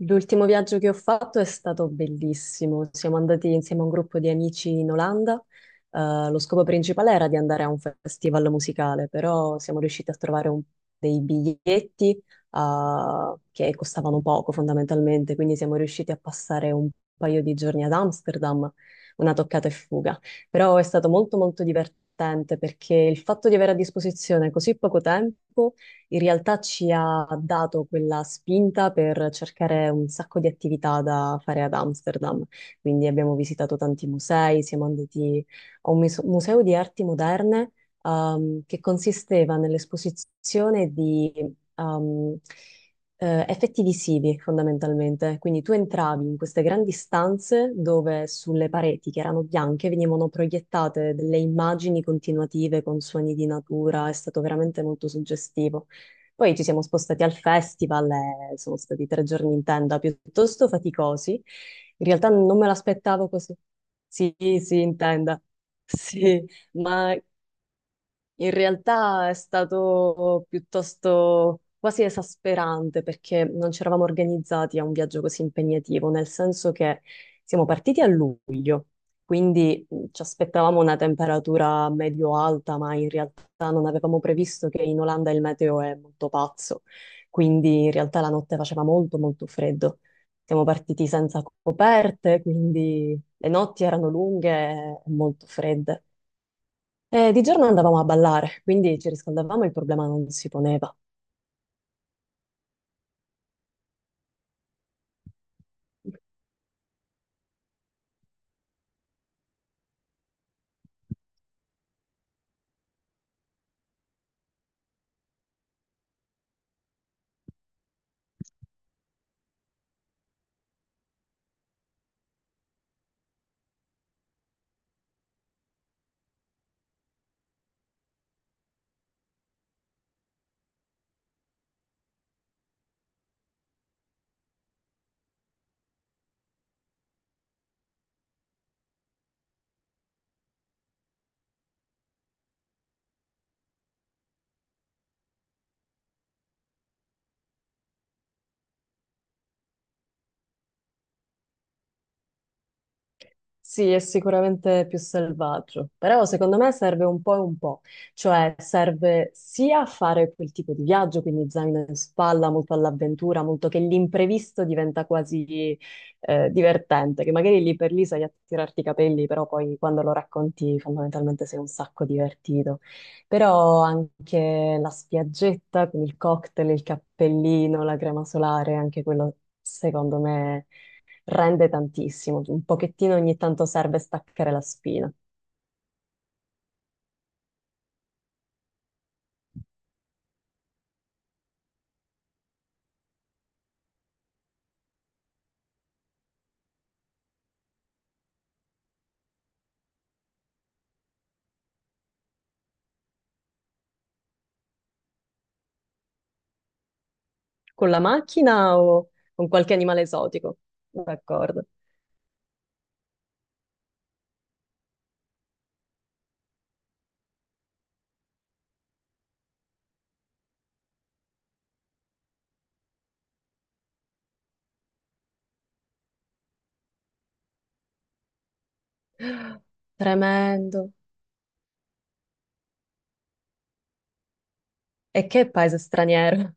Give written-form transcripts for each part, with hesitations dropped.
L'ultimo viaggio che ho fatto è stato bellissimo. Siamo andati insieme a un gruppo di amici in Olanda. Lo scopo principale era di andare a un festival musicale, però siamo riusciti a trovare dei biglietti, che costavano poco fondamentalmente, quindi siamo riusciti a passare un paio di giorni ad Amsterdam, una toccata e fuga. Però è stato molto molto divertente perché il fatto di avere a disposizione così poco tempo in realtà ci ha dato quella spinta per cercare un sacco di attività da fare ad Amsterdam. Quindi abbiamo visitato tanti musei, siamo andati a un museo di arti moderne, che consisteva nell'esposizione di ehm, effetti visivi fondamentalmente. Quindi tu entravi in queste grandi stanze dove sulle pareti, che erano bianche, venivano proiettate delle immagini continuative con suoni di natura. È stato veramente molto suggestivo. Poi ci siamo spostati al festival, e sono stati 3 giorni in tenda piuttosto faticosi. In realtà non me l'aspettavo così. Sì, sì, in tenda. Sì, ma in realtà è stato piuttosto quasi esasperante perché non ci eravamo organizzati a un viaggio così impegnativo, nel senso che siamo partiti a luglio, quindi ci aspettavamo una temperatura medio-alta, ma in realtà non avevamo previsto che in Olanda il meteo è molto pazzo, quindi in realtà la notte faceva molto molto freddo. Siamo partiti senza coperte, quindi le notti erano lunghe e molto fredde. Di giorno andavamo a ballare, quindi ci riscaldavamo e il problema non si poneva. Sì, è sicuramente più selvaggio, però secondo me serve un po' e un po', cioè serve sia a fare quel tipo di viaggio, quindi zaino in spalla, molto all'avventura, molto che l'imprevisto diventa quasi divertente, che magari lì per lì sai a tirarti i capelli, però poi quando lo racconti fondamentalmente sei un sacco divertito. Però anche la spiaggetta con il cocktail, il cappellino, la crema solare, anche quello secondo me rende tantissimo, un pochettino ogni tanto serve staccare la spina. Con la macchina o con qualche animale esotico? D'accordo. Tremendo. E che paese straniero.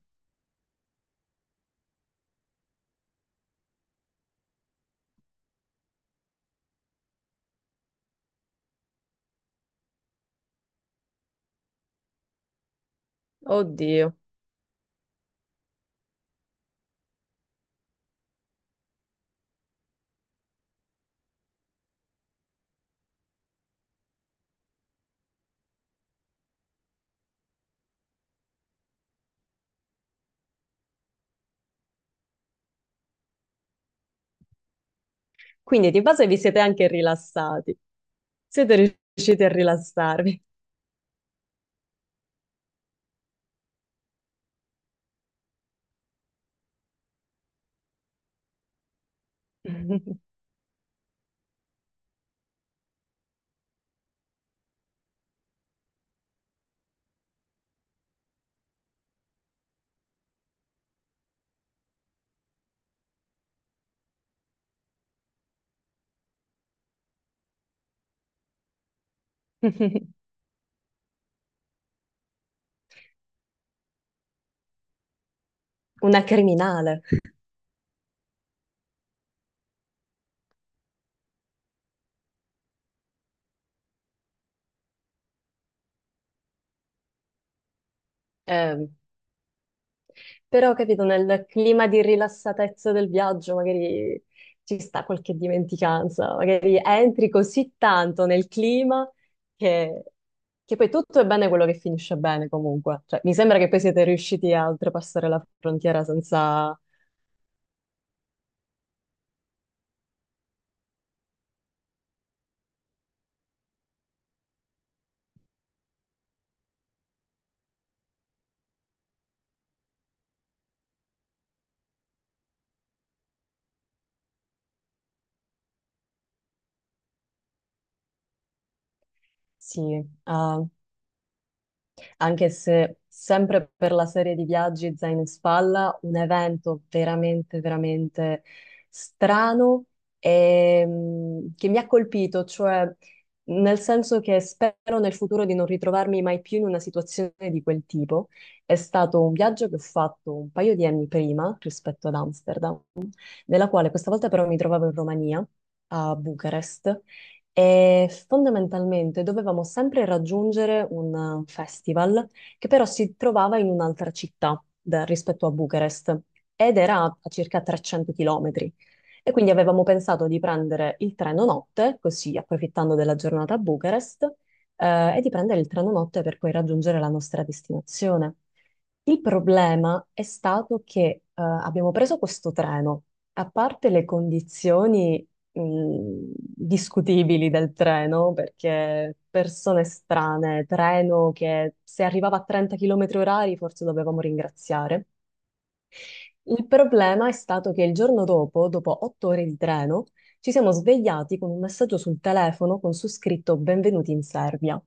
Oddio. Quindi di base vi siete anche rilassati. Siete riusciti a rilassarvi. Una criminale. Eh, Però, capito, nel clima di rilassatezza del viaggio magari ci sta qualche dimenticanza, magari entri così tanto nel clima che, che poi tutto è bene quello che finisce bene comunque. Cioè, mi sembra che poi siete riusciti a oltrepassare la frontiera senza, sì, eh, anche se sempre per la serie di viaggi zaino in spalla, un evento veramente, veramente strano e, che mi ha colpito, cioè nel senso che spero nel futuro di non ritrovarmi mai più in una situazione di quel tipo. È stato un viaggio che ho fatto un paio di anni prima rispetto ad Amsterdam, nella quale questa volta però mi trovavo in Romania, a Bucarest, e fondamentalmente dovevamo sempre raggiungere un festival che però si trovava in un'altra città rispetto a Bucarest ed era a circa 300 km. E quindi avevamo pensato di prendere il treno notte, così approfittando della giornata a Bucarest, e di prendere il treno notte per poi raggiungere la nostra destinazione. Il problema è stato che abbiamo preso questo treno. A parte le condizioni discutibili del treno, perché persone strane, treno che se arrivava a 30 km orari forse dovevamo ringraziare. Il problema è stato che il giorno dopo, dopo 8 ore di treno, ci siamo svegliati con un messaggio sul telefono con su scritto Benvenuti in Serbia.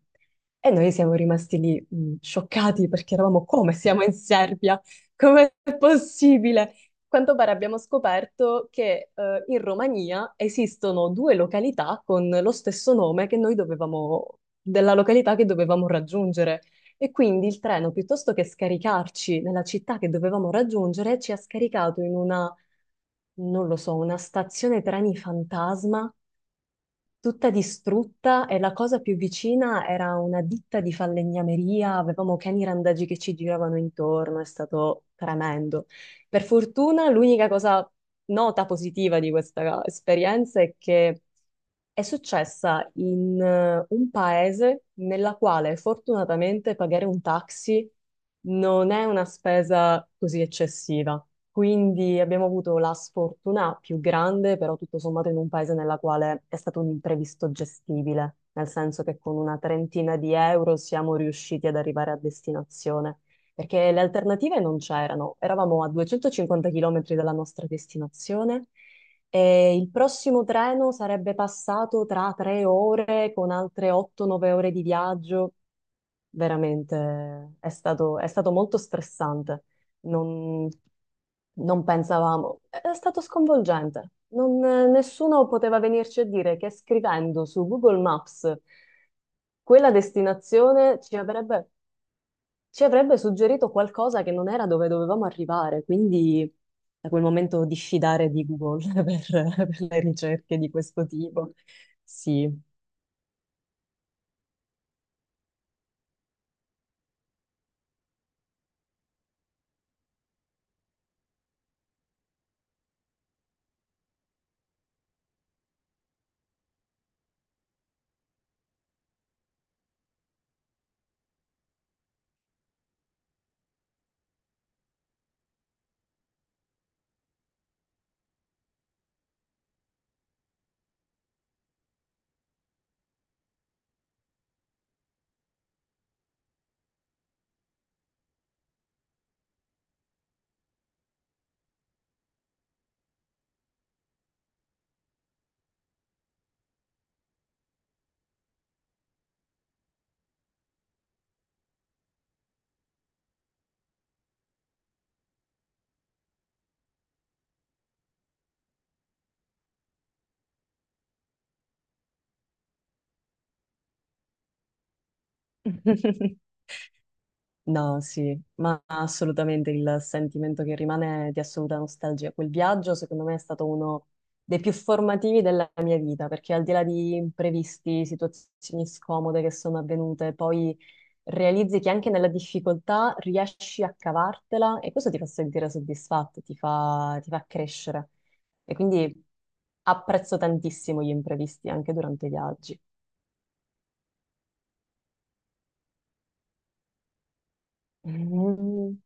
E noi siamo rimasti lì, scioccati perché eravamo come siamo in Serbia? Com'è possibile? A quanto pare abbiamo scoperto che in Romania esistono due località con lo stesso nome che noi dovevamo, della località che dovevamo raggiungere. E quindi il treno, piuttosto che scaricarci nella città che dovevamo raggiungere, ci ha scaricato in una, non lo so, una stazione treni fantasma tutta distrutta e la cosa più vicina era una ditta di falegnameria, avevamo cani randagi che ci giravano intorno, è stato tremendo. Per fortuna l'unica cosa nota positiva di questa esperienza è che è successa in un paese nella quale fortunatamente pagare un taxi non è una spesa così eccessiva. Quindi abbiamo avuto la sfortuna più grande, però tutto sommato in un paese nella quale è stato un imprevisto gestibile, nel senso che con una trentina di euro siamo riusciti ad arrivare a destinazione, perché le alternative non c'erano. Eravamo a 250 km dalla nostra destinazione e il prossimo treno sarebbe passato tra 3 ore con altre 8-9 ore di viaggio veramente è stato molto stressante. Non, non pensavamo, è stato sconvolgente. Nessuno poteva venirci a dire che scrivendo su Google Maps quella destinazione ci avrebbe suggerito qualcosa che non era dove dovevamo arrivare. Quindi da quel momento diffidare di Google per le ricerche di questo tipo. Sì. No, sì, ma assolutamente il sentimento che rimane è di assoluta nostalgia. Quel viaggio, secondo me, è stato uno dei più formativi della mia vita, perché al di là di imprevisti, situazioni scomode che sono avvenute, poi realizzi che anche nella difficoltà riesci a cavartela e questo ti fa sentire soddisfatto, ti fa crescere. E quindi apprezzo tantissimo gli imprevisti anche durante i viaggi. Mm,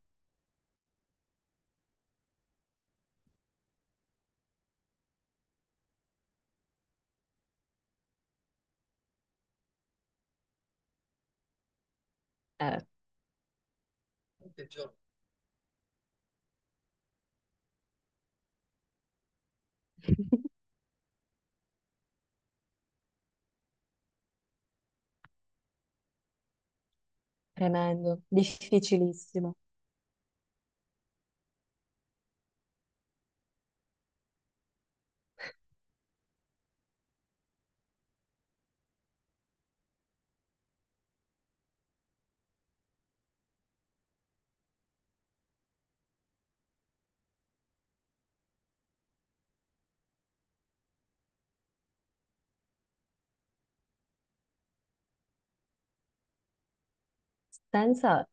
eh, Tremendo, difficilissimo. Senza,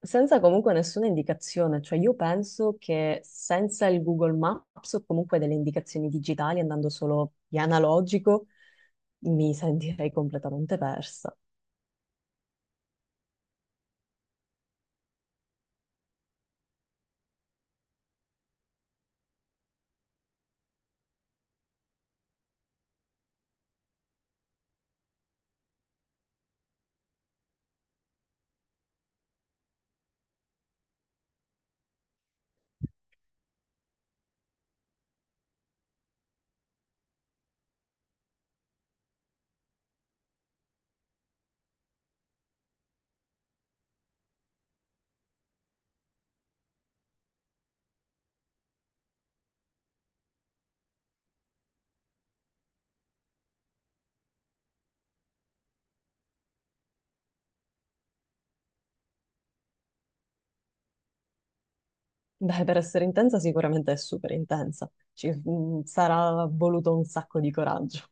senza comunque nessuna indicazione, cioè io penso che senza il Google Maps o comunque delle indicazioni digitali, andando solo di analogico, mi sentirei completamente persa. Beh, per essere intensa sicuramente è super intensa, ci sarà voluto un sacco di coraggio.